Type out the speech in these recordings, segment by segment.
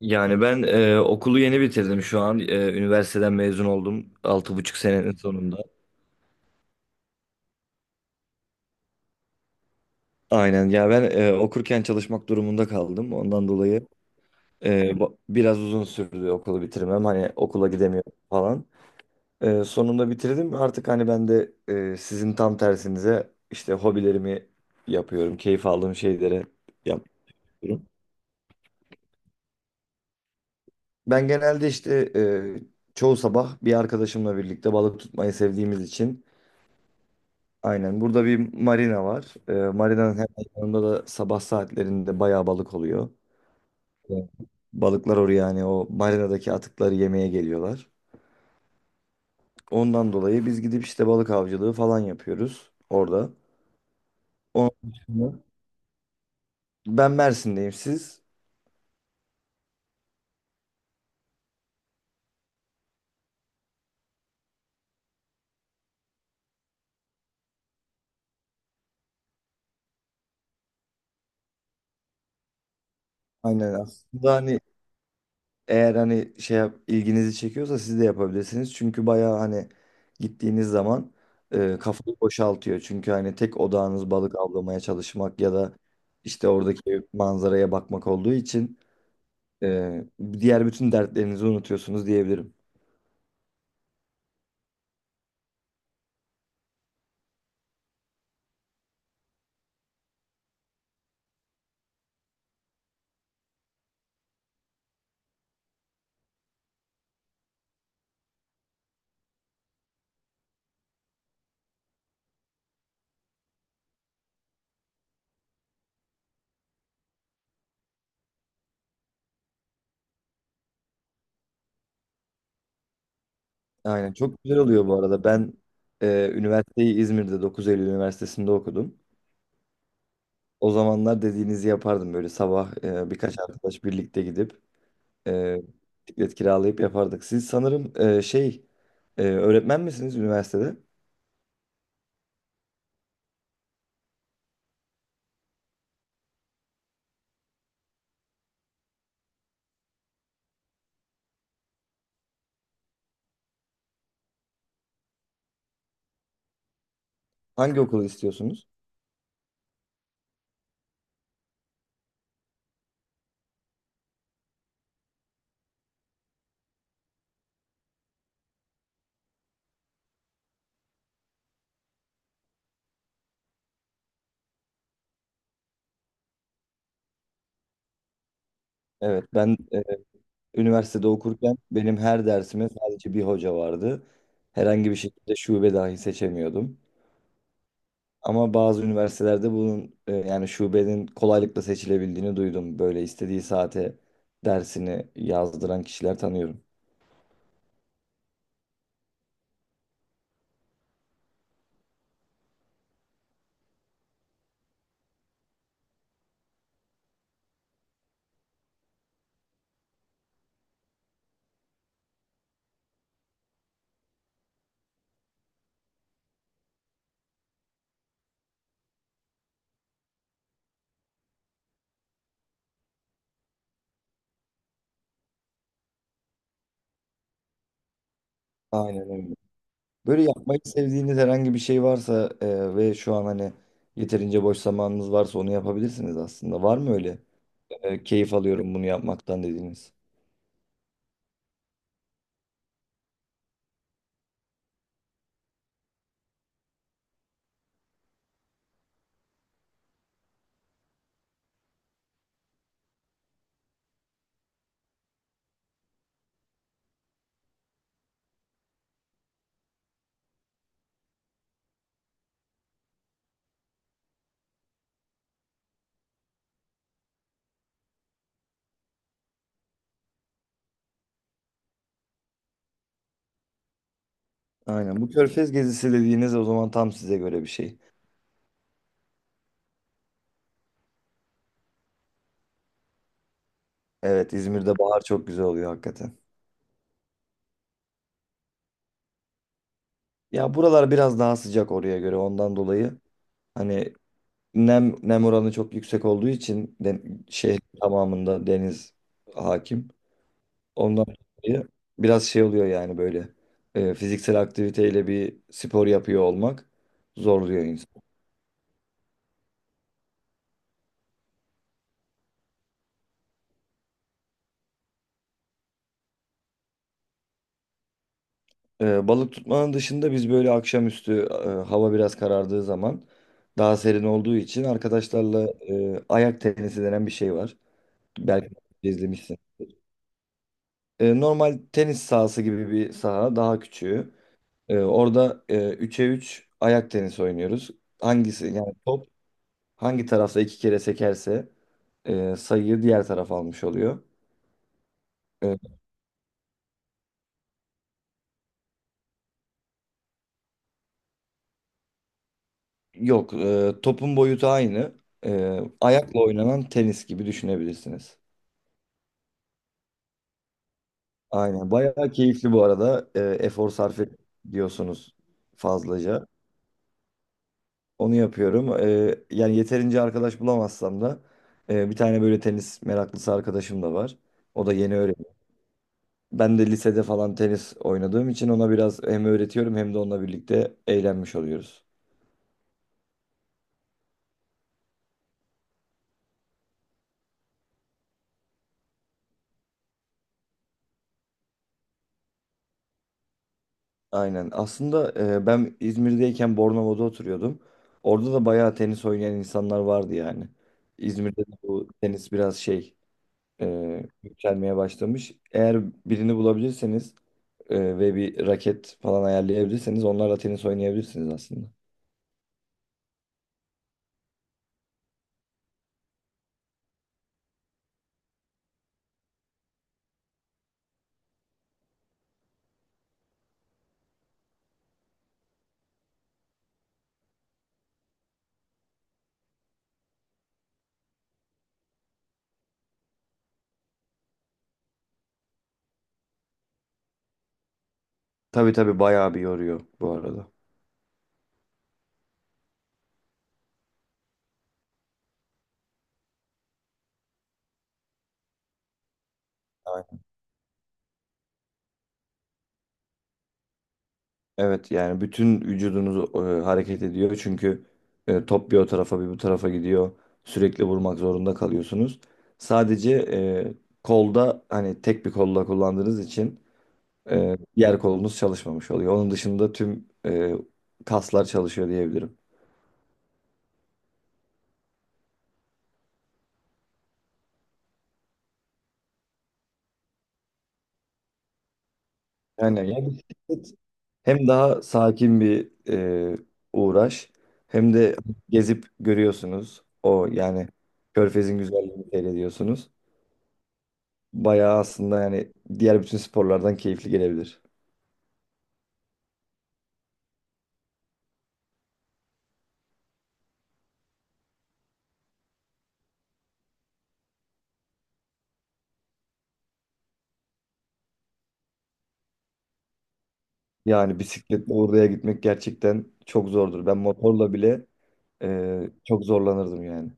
Yani ben okulu yeni bitirdim şu an. Üniversiteden mezun oldum. 6,5 senenin sonunda. Aynen ya ben okurken çalışmak durumunda kaldım. Ondan dolayı biraz uzun sürdü okulu bitirmem. Hani okula gidemiyorum falan. Sonunda bitirdim. Artık hani ben de sizin tam tersinize işte hobilerimi yapıyorum. Keyif aldığım şeylere yapıyorum. Ben genelde işte çoğu sabah bir arkadaşımla birlikte balık tutmayı sevdiğimiz için. Aynen. Burada bir marina var. Marinanın hemen yanında da sabah saatlerinde bayağı balık oluyor. Evet. Balıklar oraya yani o marinadaki atıkları yemeye geliyorlar. Ondan dolayı biz gidip işte balık avcılığı falan yapıyoruz orada. Onun dışında ben Mersin'deyim, siz? Aynen aslında hani, eğer hani şey yap, ilginizi çekiyorsa siz de yapabilirsiniz. Çünkü bayağı hani gittiğiniz zaman kafayı boşaltıyor. Çünkü hani tek odağınız balık avlamaya çalışmak ya da işte oradaki manzaraya bakmak olduğu için e, diğer bütün dertlerinizi unutuyorsunuz diyebilirim. Aynen, çok güzel oluyor bu arada. Ben üniversiteyi İzmir'de 9 Eylül Üniversitesi'nde okudum. O zamanlar dediğinizi yapardım. Böyle sabah birkaç arkadaş birlikte gidip e, bisiklet kiralayıp yapardık. Siz sanırım şey, öğretmen misiniz üniversitede? Hangi okulu istiyorsunuz? Evet, ben üniversitede okurken benim her dersime sadece bir hoca vardı. Herhangi bir şekilde şube dahi seçemiyordum. Ama bazı üniversitelerde bunun yani şubenin kolaylıkla seçilebildiğini duydum. Böyle istediği saate dersini yazdıran kişiler tanıyorum. Aynen öyle. Böyle yapmayı sevdiğiniz herhangi bir şey varsa ve şu an hani yeterince boş zamanınız varsa onu yapabilirsiniz aslında. Var mı öyle? Keyif alıyorum bunu yapmaktan dediğiniz? Aynen. Bu Körfez gezisi dediğiniz o zaman tam size göre bir şey. Evet, İzmir'de bahar çok güzel oluyor hakikaten. Ya buralar biraz daha sıcak oraya göre, ondan dolayı hani nem oranı çok yüksek olduğu için de şehrin tamamında deniz hakim. Ondan dolayı biraz şey oluyor yani, böyle fiziksel aktiviteyle bir spor yapıyor olmak zorluyor insanı. Balık tutmanın dışında biz böyle akşamüstü, hava biraz karardığı zaman daha serin olduğu için, arkadaşlarla ayak tenisi denen bir şey var. Belki izlemişsin. Normal tenis sahası gibi bir saha, daha küçüğü. Orada 3'e 3 ayak tenisi oynuyoruz. Hangisi yani, top hangi tarafta iki kere sekerse sayıyı diğer taraf almış oluyor. E, Yok. Topun boyutu aynı. Ayakla oynanan tenis gibi düşünebilirsiniz. Aynen. Bayağı keyifli bu arada. Efor sarf et diyorsunuz fazlaca. Onu yapıyorum. Yani yeterince arkadaş bulamazsam da bir tane böyle tenis meraklısı arkadaşım da var. O da yeni öğreniyor. Ben de lisede falan tenis oynadığım için ona biraz hem öğretiyorum, hem de onunla birlikte eğlenmiş oluyoruz. Aynen. Aslında ben İzmir'deyken Bornova'da oturuyordum. Orada da bayağı tenis oynayan insanlar vardı yani. İzmir'de de bu tenis biraz şey, yükselmeye başlamış. Eğer birini bulabilirseniz ve bir raket falan ayarlayabilirseniz onlarla tenis oynayabilirsiniz aslında. Tabii tabii, bayağı bir yoruyor bu arada. Aynen. Evet yani bütün vücudunuz hareket ediyor, çünkü top bir o tarafa bir bu tarafa gidiyor. Sürekli vurmak zorunda kalıyorsunuz. Sadece kolda, hani tek bir kolla kullandığınız için diğer kolunuz çalışmamış oluyor. Onun dışında tüm kaslar çalışıyor diyebilirim. Yani ya, bisiklet hem daha sakin bir e, uğraş, hem de gezip görüyorsunuz. O yani, Körfez'in güzelliğini seyrediyorsunuz. Bayağı aslında yani, diğer bütün sporlardan keyifli gelebilir. Yani bisikletle oraya gitmek gerçekten çok zordur. Ben motorla bile çok zorlanırdım yani.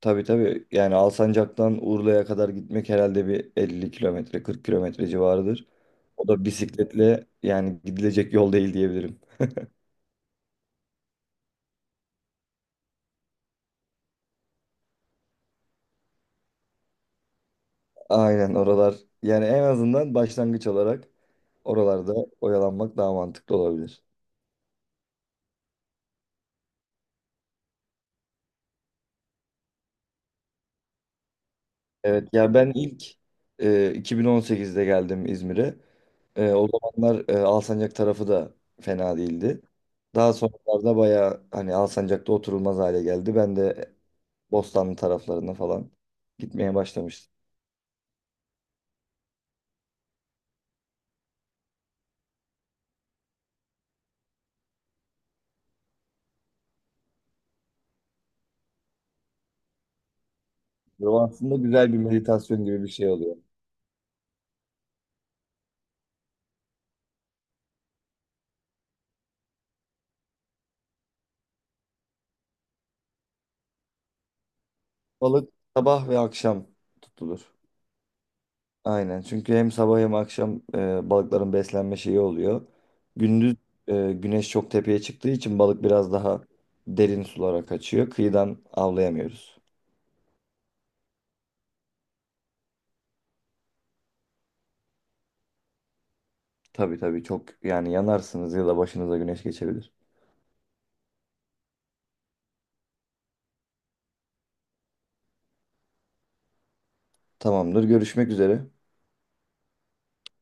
Tabii tabii, yani Alsancak'tan Urla'ya kadar gitmek herhalde bir 50 kilometre, 40 kilometre civarıdır. O da bisikletle yani gidilecek yol değil diyebilirim. Aynen, oralar yani en azından başlangıç olarak oralarda oyalanmak daha mantıklı olabilir. Evet ya, ben ilk 2018'de geldim İzmir'e. O zamanlar Alsancak tarafı da fena değildi. Daha sonralarda bayağı hani Alsancak'ta oturulmaz hale geldi. Ben de Bostanlı taraflarına falan gitmeye başlamıştım. Bu aslında güzel bir meditasyon gibi bir şey oluyor. Balık sabah ve akşam tutulur. Aynen. Çünkü hem sabah hem akşam balıkların beslenme şeyi oluyor. Gündüz güneş çok tepeye çıktığı için balık biraz daha derin sulara kaçıyor. Kıyıdan avlayamıyoruz. Tabii tabii, çok yani, yanarsınız ya da başınıza güneş geçebilir. Tamamdır. Görüşmek üzere.